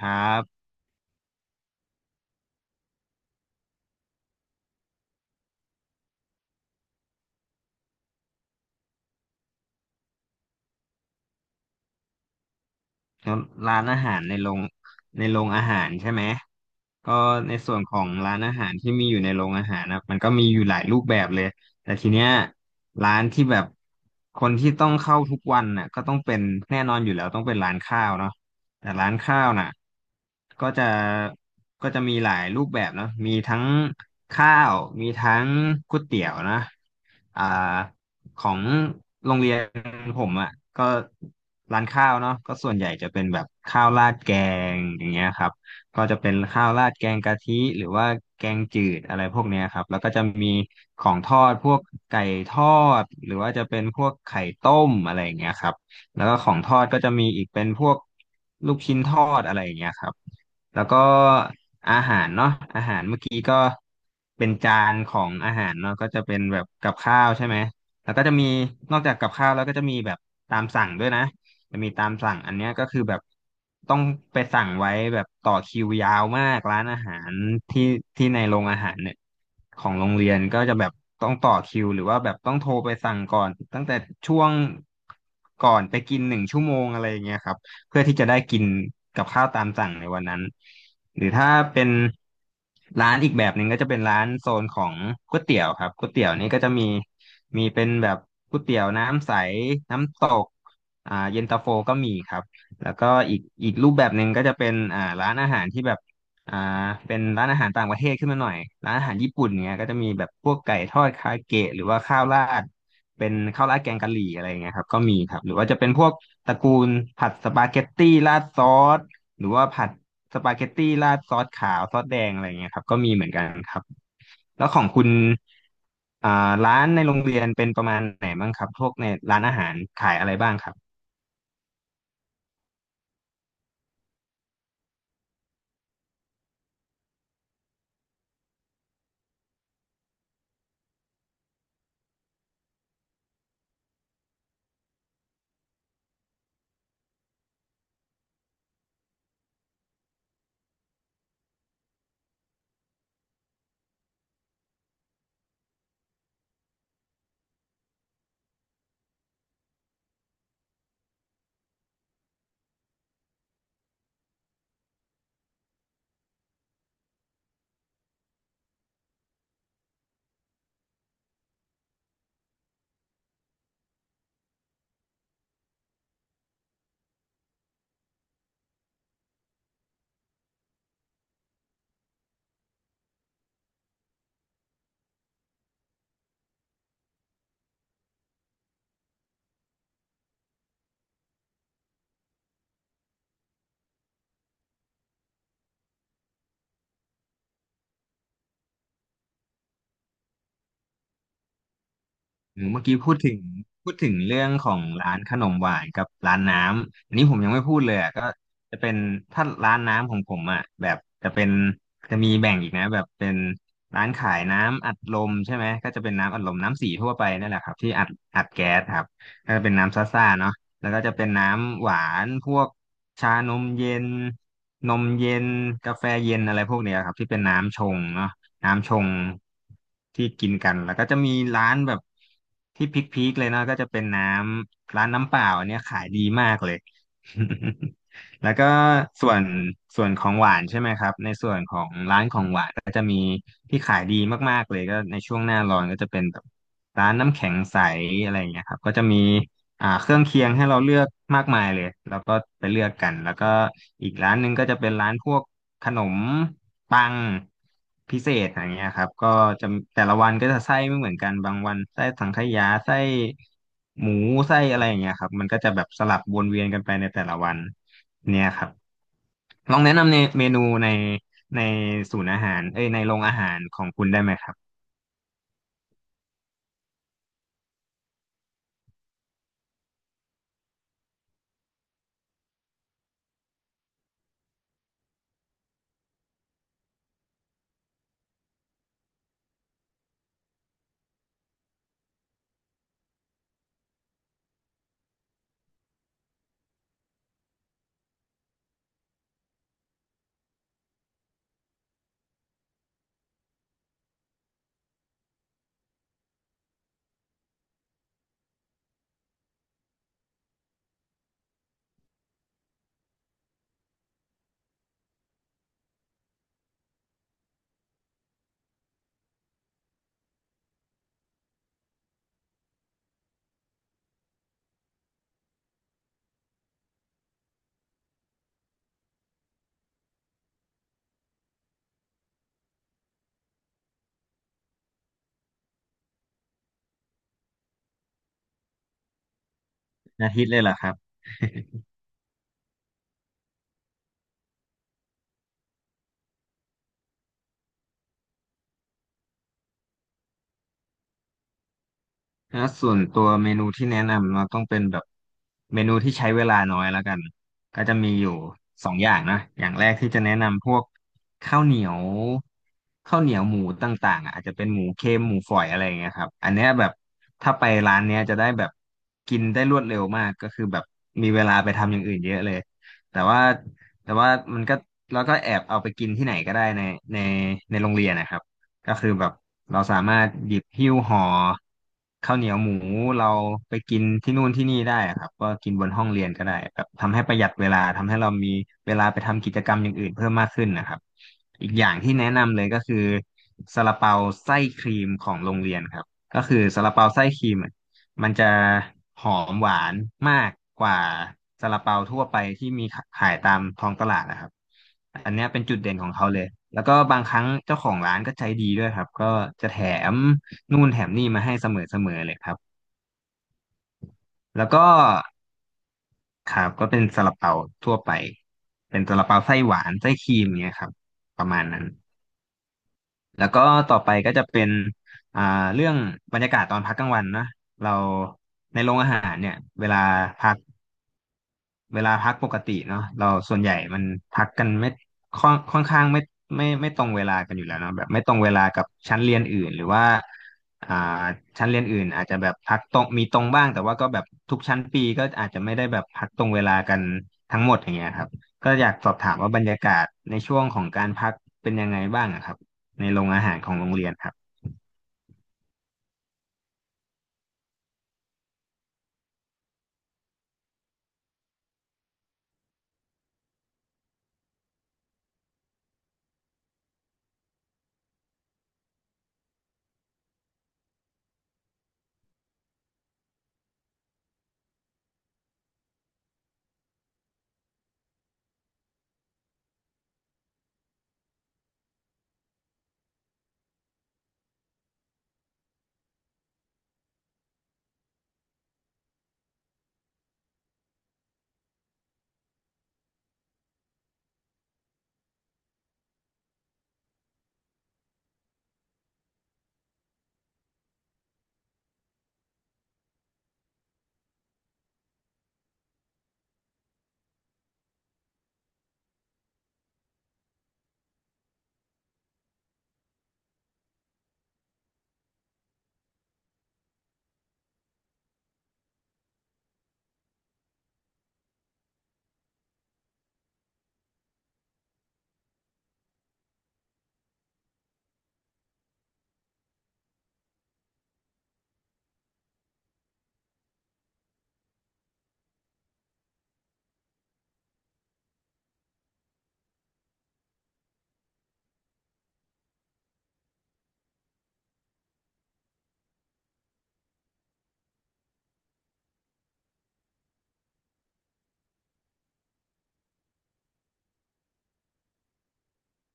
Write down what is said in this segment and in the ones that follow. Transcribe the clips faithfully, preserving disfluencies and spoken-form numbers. ครับแล้วร้านอาหารในโรงในโรงอาหารใช่ไหมก็ในส่วนของร้านอาหารที่มีอยู่ในโรงอาหารนะมันก็มีอยู่หลายรูปแบบเลยแต่ทีเนี้ยร้านที่แบบคนที่ต้องเข้าทุกวันน่ะก็ต้องเป็นแน่นอนอยู่แล้วต้องเป็นร้านข้าวเนาะแต่ร้านข้าวน่ะก็จะก็จะมีหลายรูปแบบเนาะมีทั้งข้าวมีทั้งก๋วยเตี๋ยวนะอ่า ของโรงเรียนผมอ่ะก็ร้านข้าวเนาะก็ส่วนใหญ่จะเป็นแบบข้าวราดแกงอย่างเงี้ยครับก็จะเป็นข้าวราดแกงกะทิหรือว่าแกงจืดอะไรพวกเนี้ยครับแล้วก็จะมีของทอดพวกไก่ทอดหรือว่าจะเป็นพวกไข่ต้มอะไรอย่างเงี้ยครับแล้วก็ของทอดก็จะมีอีกเป็นพวกลูกชิ้นทอดอะไรอย่างเงี้ยครับ แล้วก็อาหารเนาะอาหารเมื่อกี้ก็เป็นจานของอาหารเนาะก็จะเป็นแบบกับข้าวใช่ไหมแล้วก็จะมีนอกจากกับข้าวแล้วก็จะมีแบบตามสั่งด้วยนะจะมีตามสั่งอันเนี้ยก็คือแบบต้องไปสั่งไว้แบบต่อคิวยาวมากร้านอาหารที่ที่ในโรงอาหารเนี่ยของโรงเรียนก็จะแบบต้องต่อคิวหรือว่าแบบต้องโทรไปสั่งก่อนตั้งแต่ช่วงก่อนไปกินหนึ่งชั่วโมงอะไรอย่างเงี้ยครับ เพื่อที่จะได้กินกับข้าวตามสั่งในวันนั้นหรือถ้าเป็นร้านอีกแบบหนึ่งก็จะเป็นร้านโซนของก๋วยเตี๋ยวครับก๋วยเตี๋ยวนี่ก็จะมีมีเป็นแบบก๋วยเตี๋ยวน้ำใสน้ำตกอ่าเย็นตาโฟก็มีครับแล้วก็อีกอีกรูปแบบหนึ่งก็จะเป็นอ่าร้านอาหารที่แบบอ่าเป็นร้านอาหารต่างประเทศขึ้นมาหน่อยร้านอาหารญี่ปุ่นเนี้ยก็จะมีแบบพวกไก่ทอดคาเกะหรือว่าข้าวราดเป็นข้าวราดแกงกะหรี่อะไรเงี้ยครับก็มีครับหรือว่าจะเป็นพวก ตระกูลผัดสปาเกตตี้ราดซอสหรือว่าผัดสปาเกตตี้ราดซอสขาวซอสแดงอะไรเงี้ยครับก็มีเหมือนกันครับแล้วของคุณอ่าร้านในโรงเรียนเป็นประมาณไหนบ้างครับพวกในร้านอาหารขายอะไรบ้างครับ อืมเมื่อกี้พูดถึงพูดถึงเรื่องของร้านขนมหวานกับร้านน้ำอันนี้ผมยังไม่พูดเลยอ่ะก็จะเป็นถ้าร้านน้ำของผมอ่ะแบบจะเป็นจะมีแบ่งอีกนะแบบเป็นร้านขายน้ำอัดลมใช่ไหมก็จะเป็นน้ำอัดลมน้ำสีทั่วไปนั่นแหละครับที่อัดอัดแก๊สครับก็จะเป็นน้ำซ่าๆเนาะแล้วก็จะเป็นน้ำหวานพวกชานมเย็นนมเย็นกาแฟเย็นอะไรพวกเนี้ยครับที่เป็นน้ำชงเนาะ น้ำชงที่กินกันแล้วก็จะมีร้านแบบที่พีคๆเลยเนาะก็จะเป็นน้ำร้านน้ำเปล่าอันเนี้ยขายดีมากเลย แล้วก็ส่วนส่วนของหวานใช่ไหมครับในส่วนของร้านของหวานก็จะมีที่ขายดีมากๆเลยก็ในช่วงหน้าร้อนก็จะเป็นแบบร้านน้ำแข็งใสอะไรอย่างเงี้ยครับก็จะมีอ่าเครื่องเคียงให้เราเลือกมากมายเลยแล้วก็ไปเลือกกันแล้วก็อีกร้านหนึงก็จะเป็นร้านพวก ขนม ปัง พิเศษอย่างเงี้ยครับก็จะแต่ละวันก็จะไส้ไม่เหมือนกัน บางวัน ไส้สังขยา ไส้ หมู ไส้อะไรอย่างเงี้ยครับมันก็จะแบบสลับวนเวียนกันไปในแต่ละวันเนี่ยครับลองแนะนำในเมนูในในศูนย์อาหารเอ้ยในโรงอาหารของคุณได้ไหมครับอาทิตย์เลยเหรอครับ ถ้าส่วนตัวเมนูที่แนะนำเราต้องเป็นแบบเมนูที่ใช้เวลาน้อยแล้วกันก็จะมีอยู่สองอย่างนะอย่างแรกที่จะแนะนำพวกข้าวเหนียวข้าวเหนียวหมูต่างๆอ่ะอาจจะเป็นหมูเค็มหมูฝอยอะไรอย่างเงี้ยครับอันเนี้ยแบบถ้าไปร้านเนี้ยจะได้แบบกินได้รวดเร็วมากก็คือแบบมีเวลาไปทำอย่างอื่นเยอะเลยแต่ว่าแต่ว่ามันก็แล้วก็แอบเอาไปกินที่ไหนก็ได้ในในในโรงเรียนนะครับ ก็คือแบบเราสามารถหยิบหิ้วห่อข้าวเหนียวหมูเราไปกินที่นู่นที่นี่ได้อะครับก็กินบนห้องเรียนก็ได้แบบทำให้ประหยัดเวลาทำให้เรามีเวลาไปทำกิจกรรมอย่างอื่นเพิ่มมากขึ้นนะครับอีกอย่างที่แนะนำเลยก็คือซาลาเปาไส้ครีมของโรงเรียนครับก็คือซาลาเปาไส้ครีม มันจะหอมหวานมากกว่าซาลาเปาทั่วไปที่มีขายตามท้องตลาดนะครับอันเนี้ยเป็นจุดเด่นของเขาเลยแล้วก็บางครั้งเจ้าของร้านก็ใจดีด้วยครับก็จะแถมนู่นแถมนี่มาให้เสมอๆเลยครับแล้วก็ครับก็เป็นซาลาเปาทั่วไปเป็นซาลาเปาไส้หวานไส้ครีมเงี้ยครับประมาณนั้นแล้วก็ต่อไปก็จะเป็นอ่าเรื่องบรรยากาศตอนพักกลางวันนะเราในโรงอาหารเนี่ยเวลาพา เวลาพักปกติเนาะเราส่วนใหญ่มันพักกันไม่ค่อนค่อนข้างไม่ไม่ไม่ตรงเวลากันอยู่แล้วเนาะแบบไม่ตรงเวลากับชั้นเรียนอื่นหรือว่าอ่าชั้นเรียนอื่นอาจจะแบบพักตรงมีตรงบ้างแต่ว่าก็แบบทุกชั้นปีก็อาจจะไม่ได้แบบพักตรงเวลากันทั้งหมดอย่างเงี้ยครับก็อยากสอบถามว่าบรรยากาศในช่วงของการพักเป็นยังไงบ้างอะครับในโรงอาหารของโรงเรียนครับ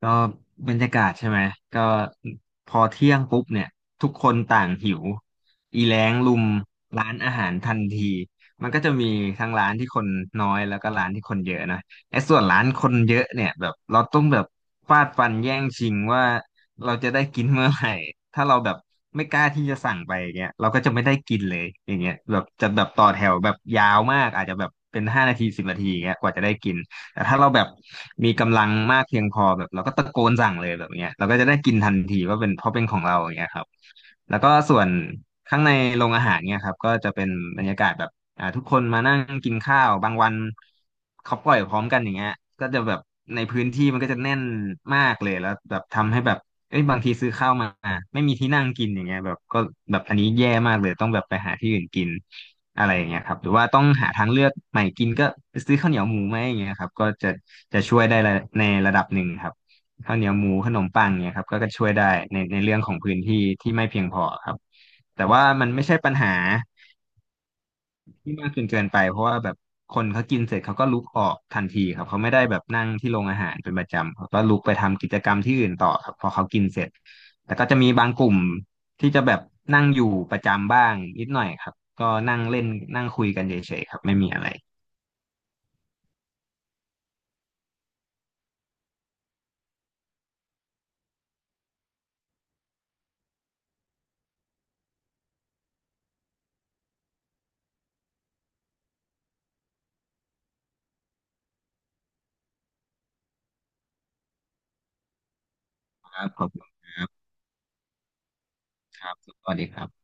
ก็บรรยากาศใช่ไหมก็พอเที่ยงปุ๊บเนี่ยทุกคนต่างหิวอีแล้งลุมร้านอาหารทันทีมันก็จะมีทั้งร้านที่คนน้อยแล้วก็ร้านที่คนเยอะนะไอ้ส่วนร้านคนเยอะเนี่ยแบบเราต้องแบบฟาดฟันแย่งชิงว่าเราจะได้กินเมื่อไหร่ถ้าเราแบบไม่กล้าที่จะสั่งไปอย่างเงี้ยเราก็จะไม่ได้กินเลยอย่างเงี้ยแบบจะแบบต่อแถวแบบยาวมากอาจจะแบบเป็นห้านาทีสิบนาทีอย่างเงี้ยกว่าจะได้กิน แต่ถ้าเราแบบมีกำลังมากเพียงพอแบบเราก็ตะโกนสั่งเลยแบบเนี้ยเราก็จะได้กินทันทีว่าเป็นเพราะเป็นของเราอย่างเงี้ยครับ แล้วก็ส่วนข้างในโรงอาหารเนี่ยครับก็จะเป็นบรรยากาศแบบอ่าทุกคนมานั่งกินข้าวบางวันเขาปล่อยพร้อมกันอย่างเงี้ยก็จะแบบในพื้นที่มันก็จะแน่นมากเลยแล้วแบบทำให้แบบเอ้ยบางทีซื้อข้าวมาไม่มีที่นั่งกินอย่างเงี้ยแบบก็แบบอันนี้แย่มากเลยต้องแบบไปหาที่อื่นกินอะไรอย่างเงี้ยครับหรือว่าต้องหาทางเลือกใหม่กินก็ซื้อข้าวเหนียวหมูไหมอย่างเงี้ยครับก็จะจะช่วยได้ในระดับหนึ่งครับ ข้าวเหนียวหมูขนมปังเนี่ยครับก็ก็ช่วยได้ในในเรื่องของพื้นที่ที่ไม่เพียงพอครับแต่ว่ามันไม่ใช่ปัญหาที่มากจนเกินไปเพราะว่าแบบคนเขากินเสร็จเขาก็ลุกออกทันทีครับเขาไม่ได้แบบนั่งที่โรงอาหารเป็นประจำเขาก็ลุกไปทำกิจกรรมที่อื่นต่อครับพอเขากินเสร็จแต่ก็จะมีบางกลุ่มที่จะแบบนั่งอยู่ประจำบ้างนิดหน่อยครับก็นั่งเล่นนั่งคุยกันเฉยๆครับไม่มีอะไรครับขอบคุณครับครับสวัสดีครับ